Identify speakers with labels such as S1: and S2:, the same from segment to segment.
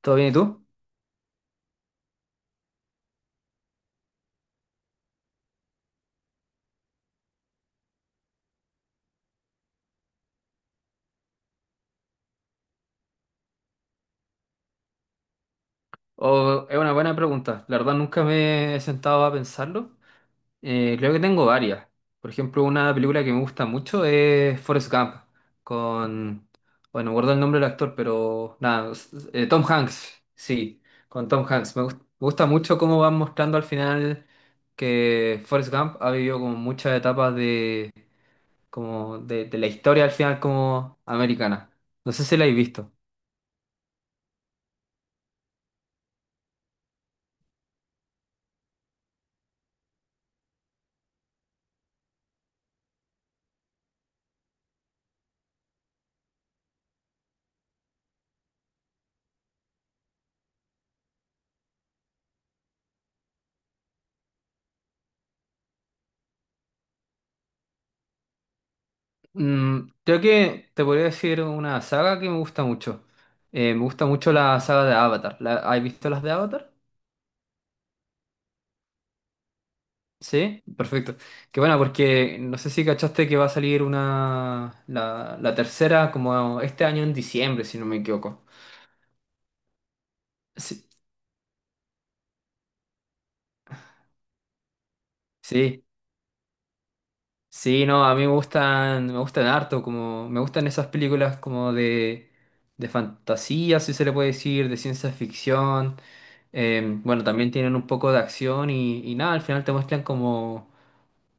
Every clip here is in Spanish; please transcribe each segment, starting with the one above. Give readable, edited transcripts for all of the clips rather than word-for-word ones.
S1: ¿Todo bien y tú? Es una buena pregunta. La verdad nunca me he sentado a pensarlo. Creo que tengo varias. Por ejemplo, una película que me gusta mucho es Forrest Gump, con... Bueno, no recuerdo el nombre del actor, pero nada, Tom Hanks, sí, con Tom Hanks. Me gusta mucho cómo van mostrando al final que Forrest Gump ha vivido como muchas etapas de, como de la historia al final como americana. ¿No sé si la habéis visto? Mm, creo que te podría decir una saga que me gusta mucho. Me gusta mucho la saga de Avatar. ¿Has visto las de Avatar? Sí, perfecto. Qué bueno, porque no sé si cachaste que va a salir la tercera como este año en diciembre, si no me equivoco. Sí, sí, sí, no, a mí me gustan harto, como me gustan esas películas como de fantasía, si se le puede decir, de ciencia ficción. Bueno, también tienen un poco de acción y nada, al final te muestran como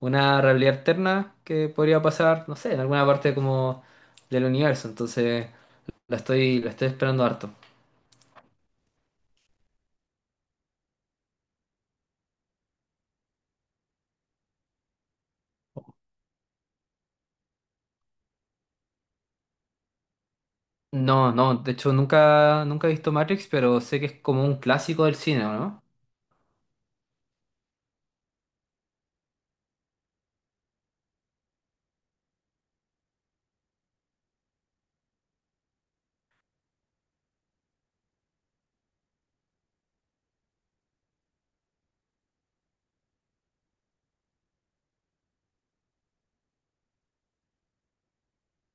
S1: una realidad alterna que podría pasar, no sé, en alguna parte como del universo. Entonces, la estoy esperando harto. No, no, de hecho nunca he visto Matrix, pero sé que es como un clásico del cine, ¿no?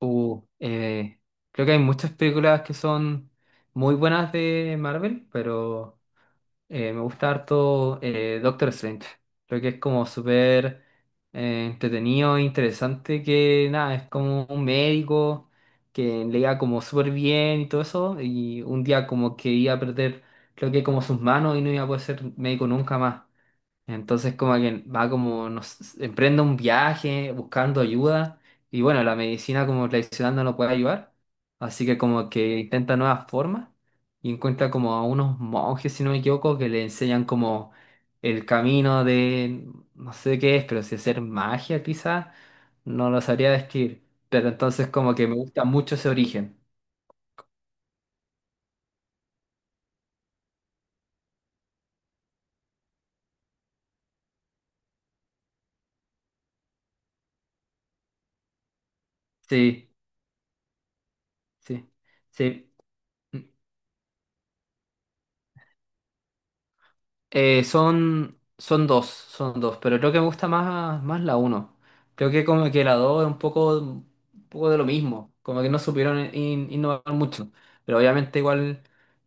S1: Uh, eh, Creo que hay muchas películas que son muy buenas de Marvel, pero me gusta harto Doctor Strange. Creo que es como súper entretenido e interesante que nada, es como un médico que le leía como súper bien y todo eso. Y un día como que iba a perder, creo que como sus manos y no iba a poder ser médico nunca más. Entonces como que va como, nos emprende un viaje buscando ayuda y bueno, la medicina como tradicional no lo puede ayudar, así que como que intenta nuevas formas y encuentra como a unos monjes, si no me equivoco, que le enseñan como el camino de, no sé qué es, pero si hacer magia quizás, no lo sabría describir, pero entonces como que me gusta mucho ese origen. Sí, sí, sí. Son, son dos, pero creo que me gusta más, más la uno. Creo que como que la dos es un poco de lo mismo, como que no supieron innovar mucho, pero obviamente igual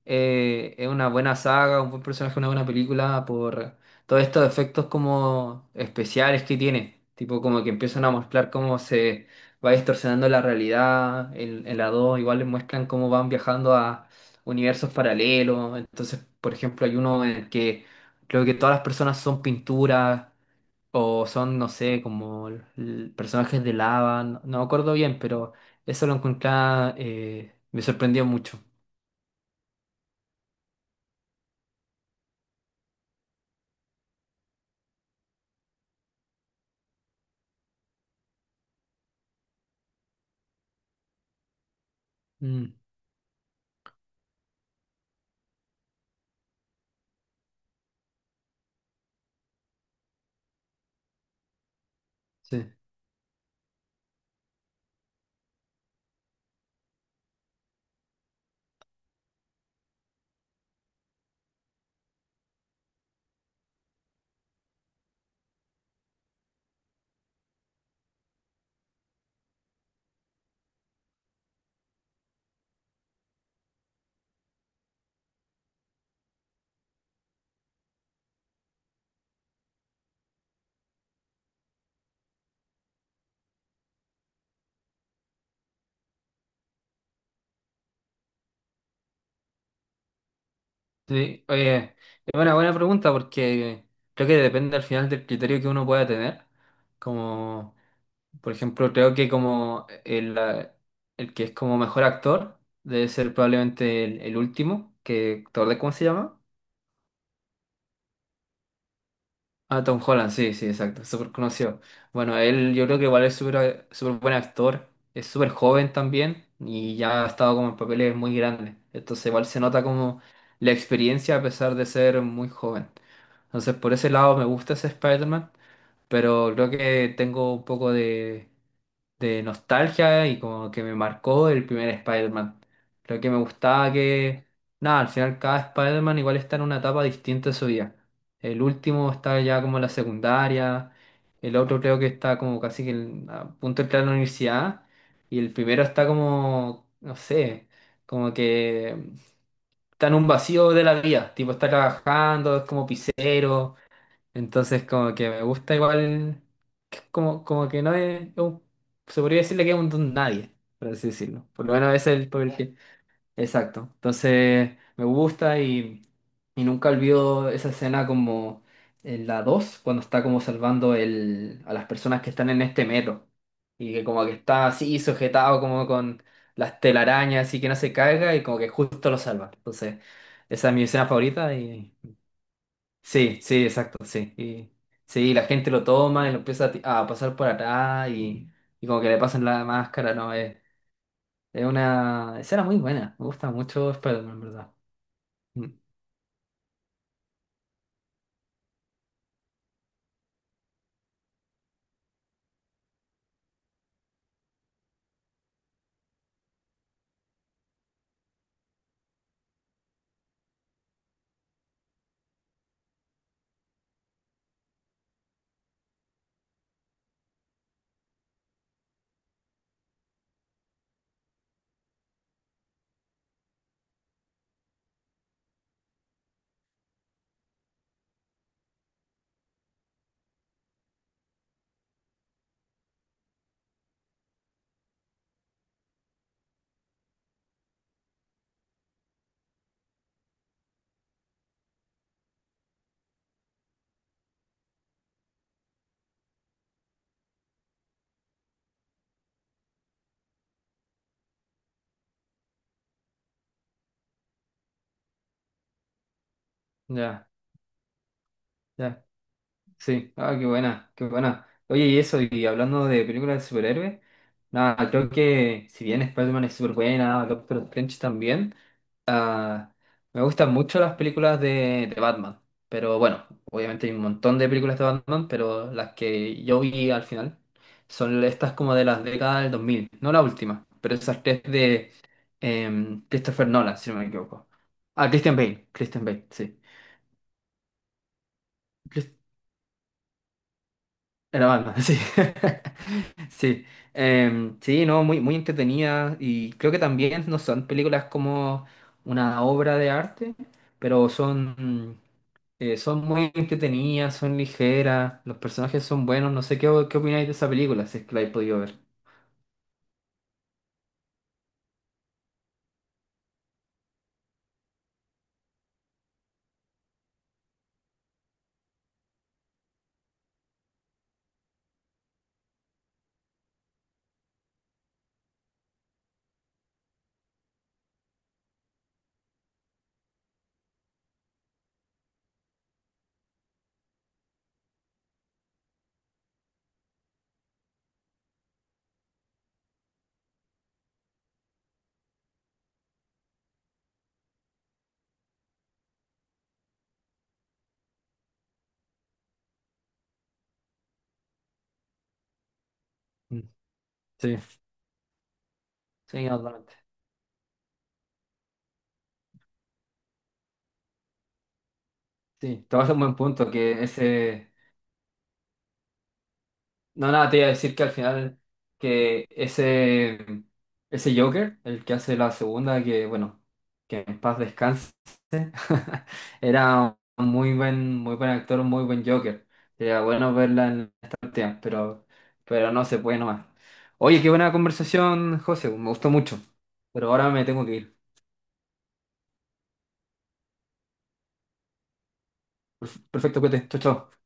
S1: es una buena saga, un buen personaje, una buena película por todos estos efectos como especiales que tiene, tipo como que empiezan a mostrar cómo se va distorsionando la realidad, en la dos igual les muestran cómo van viajando a universos paralelos, entonces por ejemplo hay uno en el que creo que todas las personas son pinturas o son, no sé, como personajes de lava. No, no me acuerdo bien, pero eso lo encontré, me sorprendió mucho. Mm, sí. Sí, oye, es una buena pregunta porque creo que depende al final del criterio que uno pueda tener. Como, por ejemplo, creo que como el que es como mejor actor debe ser probablemente el último, que, ¿te acordás cómo se llama? Ah, Tom Holland, sí, sí, exacto, súper conocido. Bueno, él yo creo que igual es súper súper buen actor, es súper joven también y ya ha estado como en papeles muy grandes. Entonces igual se nota como la experiencia a pesar de ser muy joven. Entonces por ese lado me gusta ese Spider-Man, pero creo que tengo un poco de nostalgia y como que me marcó el primer Spider-Man. Lo que me gustaba que, nada, al final cada Spider-Man igual está en una etapa distinta de su vida. El último está ya como en la secundaria, el otro creo que está como casi que a punto de entrar a la universidad y el primero está como, no sé, como que está en un vacío de la vida, tipo está trabajando, es como pisero. Entonces como que me gusta igual, que como, como que no es, se podría decirle que es un don nadie, por así decirlo. Por lo menos ese es el papel que... Exacto. Entonces me gusta y nunca olvido esa escena como en la 2 cuando está como salvando a las personas que están en este metro. Y que como que está así sujetado como con las telarañas, así que no se caiga y como que justo lo salva. Entonces esa es mi escena favorita y sí, sí, exacto, sí. Y, sí, la gente lo toma y lo empieza a pasar por atrás y como que le pasan la máscara, ¿no? Es una escena muy buena. Me gusta mucho Spider-Man, en verdad. Mm, ya, ya. Sí. Ah, qué buena, qué buena. Oye, y eso, y hablando de películas de superhéroes, nada, creo que si bien Spider-Man es súper buena, Doctor Strange también. Me gustan mucho las películas de Batman, pero bueno, obviamente hay un montón de películas de Batman, pero las que yo vi al final son estas como de las décadas del 2000, no la última, pero esas tres de Christopher Nolan, si no me equivoco. Ah, Christian Bale, Christian Bale, sí. Chris- Era Batman, sí. Sí, sí, no, muy, muy entretenida y creo que también no son películas como una obra de arte, pero son... Son muy entretenidas, son ligeras, los personajes son buenos. No sé qué, qué opináis de esa película, si es que la habéis podido ver. Mm, sí. Sí, totalmente. Sí, tomas un buen punto, que ese. No, nada, te iba a decir que al final que ese Joker, el que hace la segunda, que bueno, que en paz descanse, era un muy buen actor, un muy buen Joker. Sería bueno verla en esta última, pero no se puede nomás. Oye, qué buena conversación, José, me gustó mucho, pero ahora me tengo que ir. Perfecto, cuídate, chao, chao.